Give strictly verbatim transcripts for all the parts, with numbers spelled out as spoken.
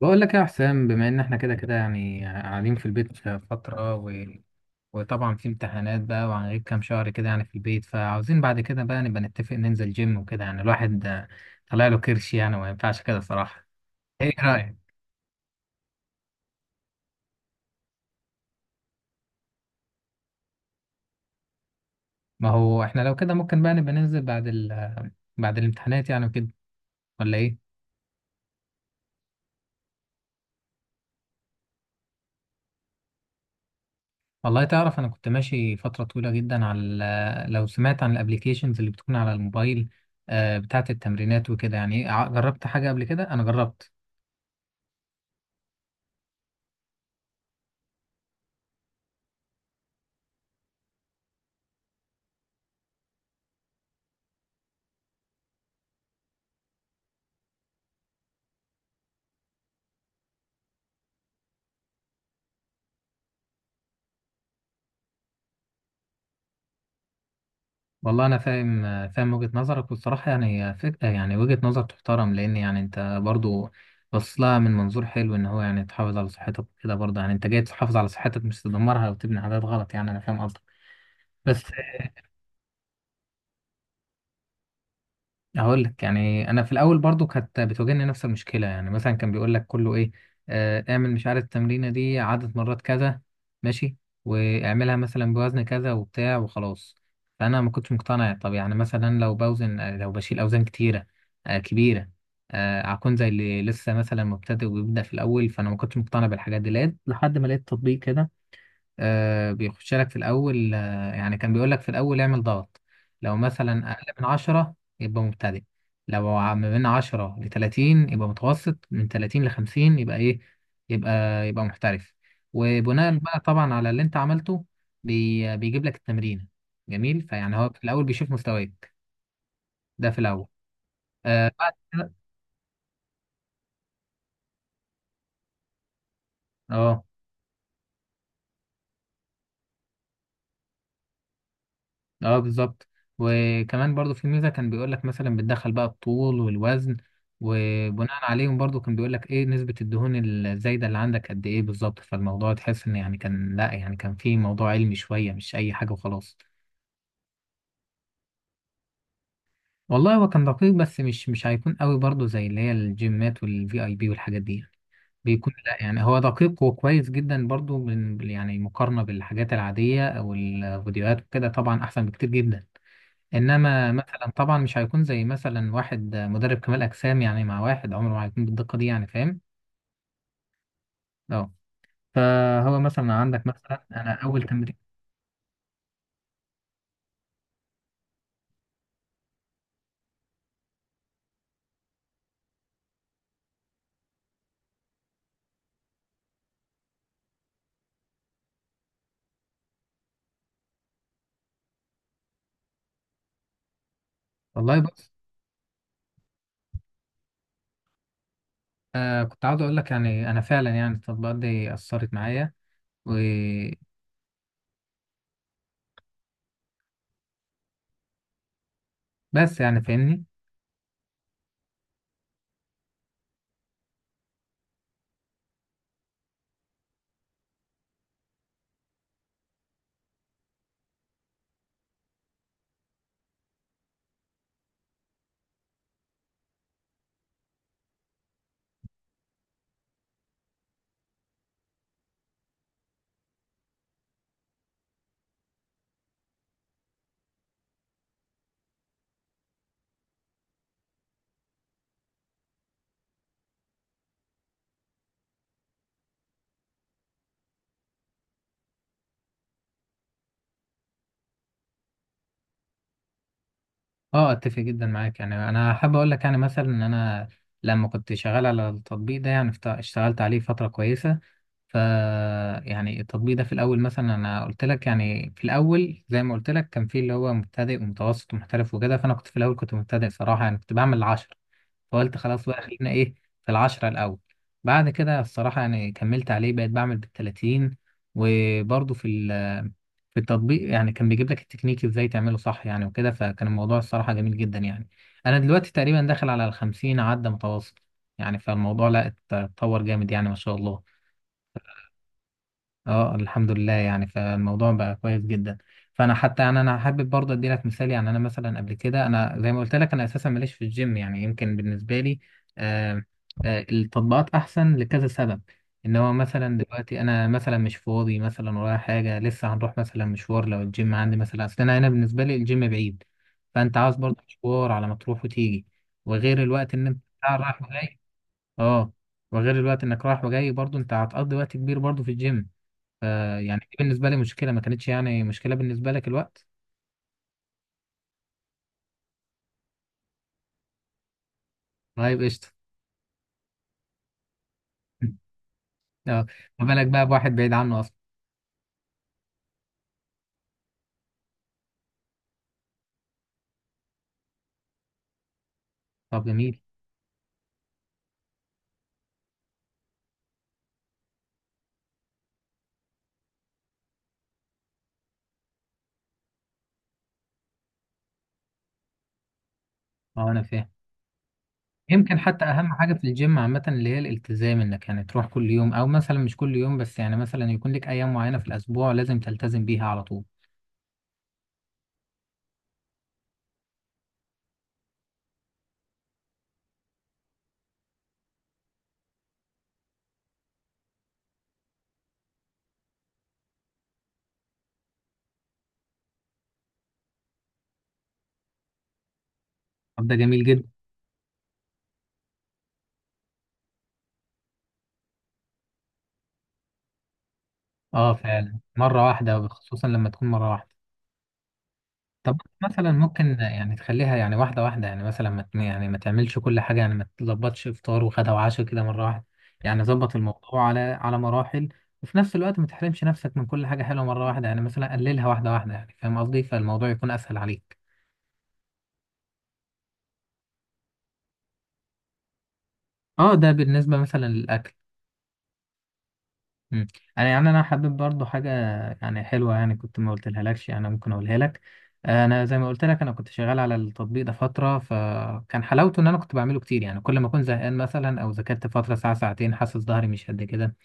بقول لك يا حسام، بما ان احنا كده كده يعني قاعدين في البيت فترة و... وطبعا في امتحانات بقى وهنغيب كام شهر كده يعني في البيت، فعاوزين بعد كده بقى نبقى نتفق ننزل جيم وكده. يعني الواحد آه، طلع له كرش يعني، وما ينفعش كده صراحة. ايه رأيك؟ ما هو احنا لو كده ممكن بقى نبقى ننزل بعد ال... بعد الامتحانات يعني وكده، ولا ايه؟ والله تعرف، انا كنت ماشي فترة طويلة جدا على ال- لو سمعت عن الابليكيشنز اللي بتكون على الموبايل، آه، بتاعت التمرينات وكده يعني. إيه، ع- جربت حاجة قبل كده، انا جربت. والله انا فاهم، فاهم وجهة نظرك، والصراحه يعني هي فكره، يعني وجهة نظر تحترم، لان يعني انت برضو بص لها من منظور حلو، ان هو يعني تحافظ على صحتك وكده. برضه يعني انت جاي تحافظ على صحتك مش تدمرها وتبني عادات غلط. يعني انا فاهم قصدك. بس هقول لك يعني انا في الاول برضو كانت بتواجهني نفس المشكله. يعني مثلا كان بيقول لك كله ايه، آه، اعمل مش عارف التمرينه دي عدد مرات كذا، ماشي، واعملها مثلا بوزن كذا وبتاع وخلاص. فانا ما كنتش مقتنع. طب يعني مثلا لو بوزن، آه، لو بشيل اوزان كتيره آه، كبيره، آه، هكون زي اللي لسه مثلا مبتدئ وبيبدا في الاول. فانا ما كنتش مقتنع بالحاجات دي، لقيت لحد ما لقيت تطبيق كده آه، بيخش لك في الأول. آه، يعني كان بيقول لك في الأول اعمل ضغط، لو مثلا أقل من عشرة يبقى مبتدئ، لو ع- ما بين عشرة لتلاتين يبقى متوسط، من تلاتين لخمسين يبقى إيه، يبقى يبقى محترف. وبناء بقى طبعا على اللي أنت عملته بي بيجيب لك التمرين. جميل. فيعني هو في الأول بيشوف مستواك، ده في الأول. آه بعد كده- اه، اه بالظبط. وكمان برضو في ميزة، كان بيقول لك مثلا بتدخل بقى الطول والوزن، وبناء عليهم برضو كان بيقول لك ايه نسبة الدهون الزايدة اللي عندك قد ايه بالظبط. فالموضوع تحس ان يعني كان، لا يعني كان في موضوع علمي شوية، مش اي حاجة وخلاص. والله هو كان دقيق، بس مش مش هيكون قوي برضو زي اللي هي الجيمات والفي اي بي والحاجات دي يعني. بيكون لا يعني هو دقيق وكويس جدا برضو من يعني، مقارنة بالحاجات العادية او الفيديوهات وكده، طبعا احسن بكتير جدا. انما مثلا طبعا مش هيكون زي مثلا واحد مدرب كمال اجسام يعني، مع واحد عمره ما هيكون بالدقه دي يعني، فاهم. اه. فهو مثلا عندك مثلا انا اول تمرين. والله بص، آه كنت عاوز اقول لك يعني انا فعلا يعني التطبيقات دي اثرت معايا وبس، يعني فاهمني. اه اتفق جدا معاك، يعني انا حابب اقول لك يعني مثلا ان انا لما كنت شغال على التطبيق ده يعني اشت- اشتغلت عليه فتره كويسه. ف يعني التطبيق ده في الاول مثلا انا قلت لك، يعني في الاول زي ما قلت لك كان في اللي هو مبتدئ ومتوسط ومحترف وكده، فانا كنت في الاول كنت مبتدئ صراحه. يعني كنت بعمل العشرة، فقلت خلاص بقى خلينا ايه في العشرة الاول. بعد كده الصراحه يعني كملت عليه بقيت بعمل بالتلاتين. وبرضه في ال- في التطبيق يعني كان بيجيب لك التكنيك ازاي تعمله صح يعني وكده. فكان الموضوع الصراحه جميل جدا يعني. انا دلوقتي تقريبا داخل على الخمسين، عدى متوسط يعني. فالموضوع لا اتطور جامد يعني، ما شاء الله. اه الحمد لله، يعني فالموضوع بقى كويس جدا. فانا حتى يعني انا حابب برضه ادي لك مثال. يعني انا مثلا قبل كده انا زي ما قلت لك انا اساسا ماليش في الجيم، يعني يمكن بالنسبه لي آه آه التطبيقات احسن لكذا سبب. ان هو مثلا دلوقتي انا مثلا مش فاضي، مثلا ورايا حاجه لسه هنروح مثلا مشوار، لو الجيم عندي مثلا، اصل انا هنا بالنسبه لي الجيم بعيد. فانت عاوز برضه مشوار على ما تروح وتيجي، وغير الوقت ان انت رايح وجاي. اه. وغير الوقت انك رايح وجاي، برضه انت هتقضي وقت كبير برضه في الجيم. فيعني دي بالنسبة لي مشكلة، ما كانتش يعني مشكلة بالنسبة لك الوقت. طيب قشطة. اه، ما بالك بقى بواحد بعيد عنه أصلا. طب جميل. اه أنا فاهم. يمكن حتى أهم حاجة في الجيم عامة اللي هي الالتزام، إنك يعني تروح كل يوم، أو مثلا مش كل يوم، بس يعني مثلا يكون لك أيام معينة في الأسبوع لازم تلتزم بيها على طول. طب ده جميل جدا. اه فعلا مرة واحدة، خصوصا لما تكون مرة واحدة. طب مثلا ممكن يعني تخليها يعني واحدة واحدة، يعني مثلا ما ت- يعني ما تعملش كل حاجة، يعني ما تلخبطش إفطار وغدا وعشاء كده مرة واحدة. يعني ظبط الموضوع على على مراحل، وفي نفس الوقت ما تحرمش نفسك من كل حاجة حلوة مرة واحدة. يعني مثلا قللها واحدة واحدة يعني، فاهم قصدي؟ فالموضوع يكون أسهل عليك. اه ده بالنسبة مثلا للأكل. مم. انا يعني انا حابب برضو حاجه يعني حلوه، يعني كنت ما قلتلها لكش، انا ممكن اقولها لك. انا زي ما قلت لك انا كنت شغال على التطبيق ده فتره، فكان حلاوته ان انا كنت بعمله كتير. يعني كل ما اكون زهقان مثلا او ذاكرت فتره ساعه ساعتين حاسس ظهري مش قد كده،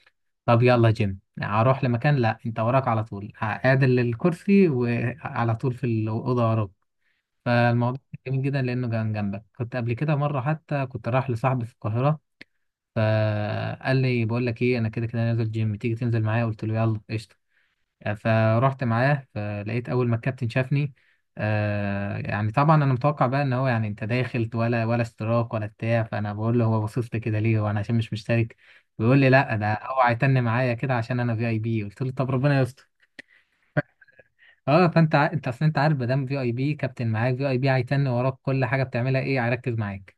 طب يلا جيم. اروح لمكان لا، انت وراك على طول، عادل الكرسي وعلى طول في الاوضه وراك. فالموضوع كان جميل جدا لانه كان جنبك. كنت قبل كده مره حتى كنت رايح لصاحبي في القاهره، فقال لي بقول لك ايه، انا كده كده نازل جيم، تيجي تنزل معايا؟ قلت له يلا قشطه. فرحت معاه، فلقيت اول ما الكابتن شافني آه يعني طبعا انا متوقع بقى ان هو يعني انت داخل ولا ولا اشتراك ولا بتاع. فانا بقول له هو باصص لي كده ليه، وانا عشان مش مشترك. بيقول لي لا ده هو هيتن معايا كده عشان انا في اي بي. قلت له طب ربنا يستر. اه فانت ع- انت اصل انت عارف ما دام في اي بي كابتن معاك في اي بي هيتن وراك كل حاجه بتعملها ايه، هيركز معاك.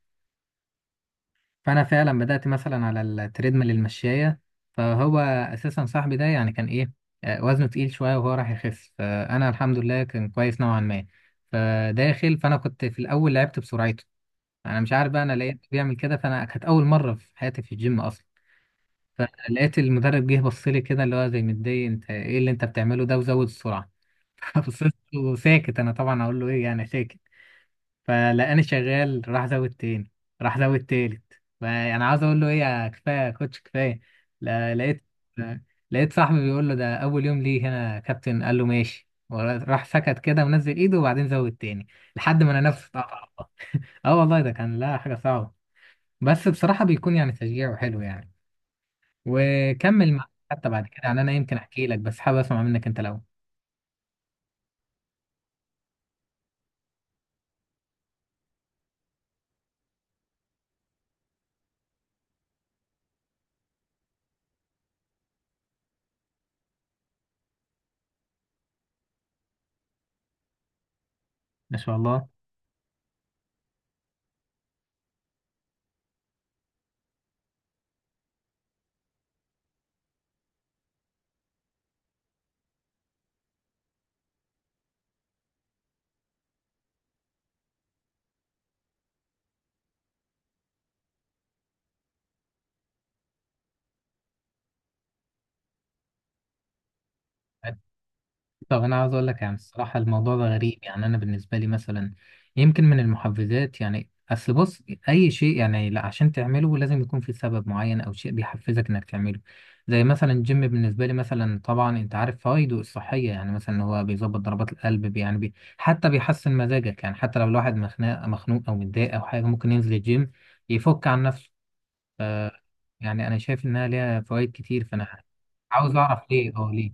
فانا فعلا بدات مثلا على التريدميل المشايه. فهو اساسا صاحبي ده يعني كان ايه، آه، وزنه تقيل شويه وهو راح يخس. فانا الحمد لله كان كويس نوعا ما. فداخل فانا كنت في الاول لعبت بسرعته، انا مش عارف بقى انا لقيت بيعمل كده. فانا كانت اول مره في حياتي في الجيم اصلا. فلقيت المدرب جه بص لي كده اللي هو زي متضايق، انت ايه اللي انت بتعمله ده، وزود السرعه. فبصيت وساكت، انا طبعا اقول له ايه يعني، ساكت. فلقاني شغال راح زود تاني، راح زود تالت، فانا عاوز اقول له ايه، يا كفايه يا كوتش كفايه. لا- لقيت لقيت صاحبي بيقول له ده اول يوم ليه هنا يا كابتن. قال له ماشي، وراح سكت كده ونزل ايده، وبعدين زود تاني لحد ما انا نفسي اتقطع. اه والله ده كان لا حاجه صعبه، بس بصراحه بيكون يعني تشجيع وحلو يعني، وكمل مع، حتى بعد كده يعني انا يمكن احكي لك، بس حابب اسمع منك انت الاول. ما شاء الله. طب انا عاوز اقول لك يعني الصراحه الموضوع ده غريب. يعني انا بالنسبه لي مثلا يمكن من المحفزات، يعني اصل بص، اي شيء يعني لا عشان تعمله لازم يكون في سبب معين او شيء بيحفزك انك تعمله. زي مثلا الجيم بالنسبه لي مثلا، طبعا انت عارف فوائده الصحيه، يعني مثلا هو بيظبط ضربات القلب بي- يعني بي حتى بيحسن مزاجك. يعني حتى لو الواحد مخنوق مخنوق او متضايق او حاجه ممكن ينزل الجيم يفك عن نفسه. يعني انا شايف انها ليها فوائد كتير. فانا عاوز اعرف ليه، اه ليه.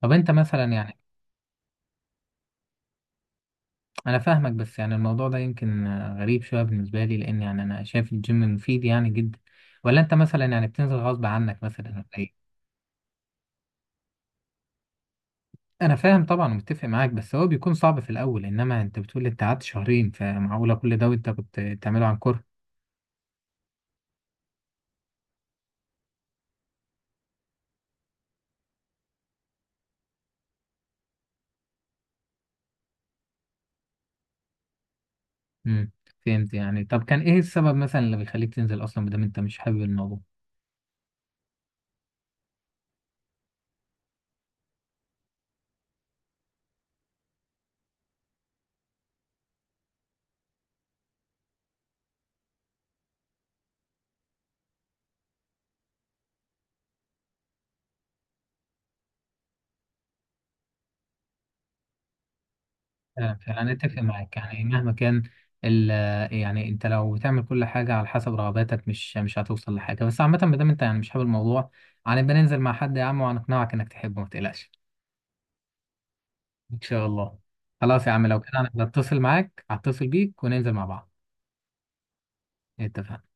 طب انت مثلا يعني، انا فاهمك بس يعني الموضوع ده يمكن آه، غريب شويه بالنسبه لي، لان يعني انا شايف الجيم مفيد يعني جدا. ولا انت مثلا يعني بتنزل غصب عنك مثلا ولا ايه؟ انا فاهم طبعا ومتفق معاك، بس هو بيكون صعب في الاول. انما انت بتقول انت قعدت شهرين، فمعقوله كل ده وانت كنت بتعمله عن كره؟ امم. فهمت، يعني طب كان ايه السبب مثلا اللي بيخليك تنزل اصلا بدل انت مش حابب الموضوع. فعلا فعلا اتفق معاك، يعني مهما كان ال يعني انت لو بتعمل كل حاجه على حسب رغباتك، مش مش هتوصل لحاجه. بس عامه ما دام انت يعني مش حابب الموضوع، هنبقى ننزل مع حد يا عم وهنقنعك انك تحبه، ما تقلقش. ان شاء الله. خلاص يا عم لو كده انا هتصل معاك هتصل بيك وننزل مع بعض. اتفقنا.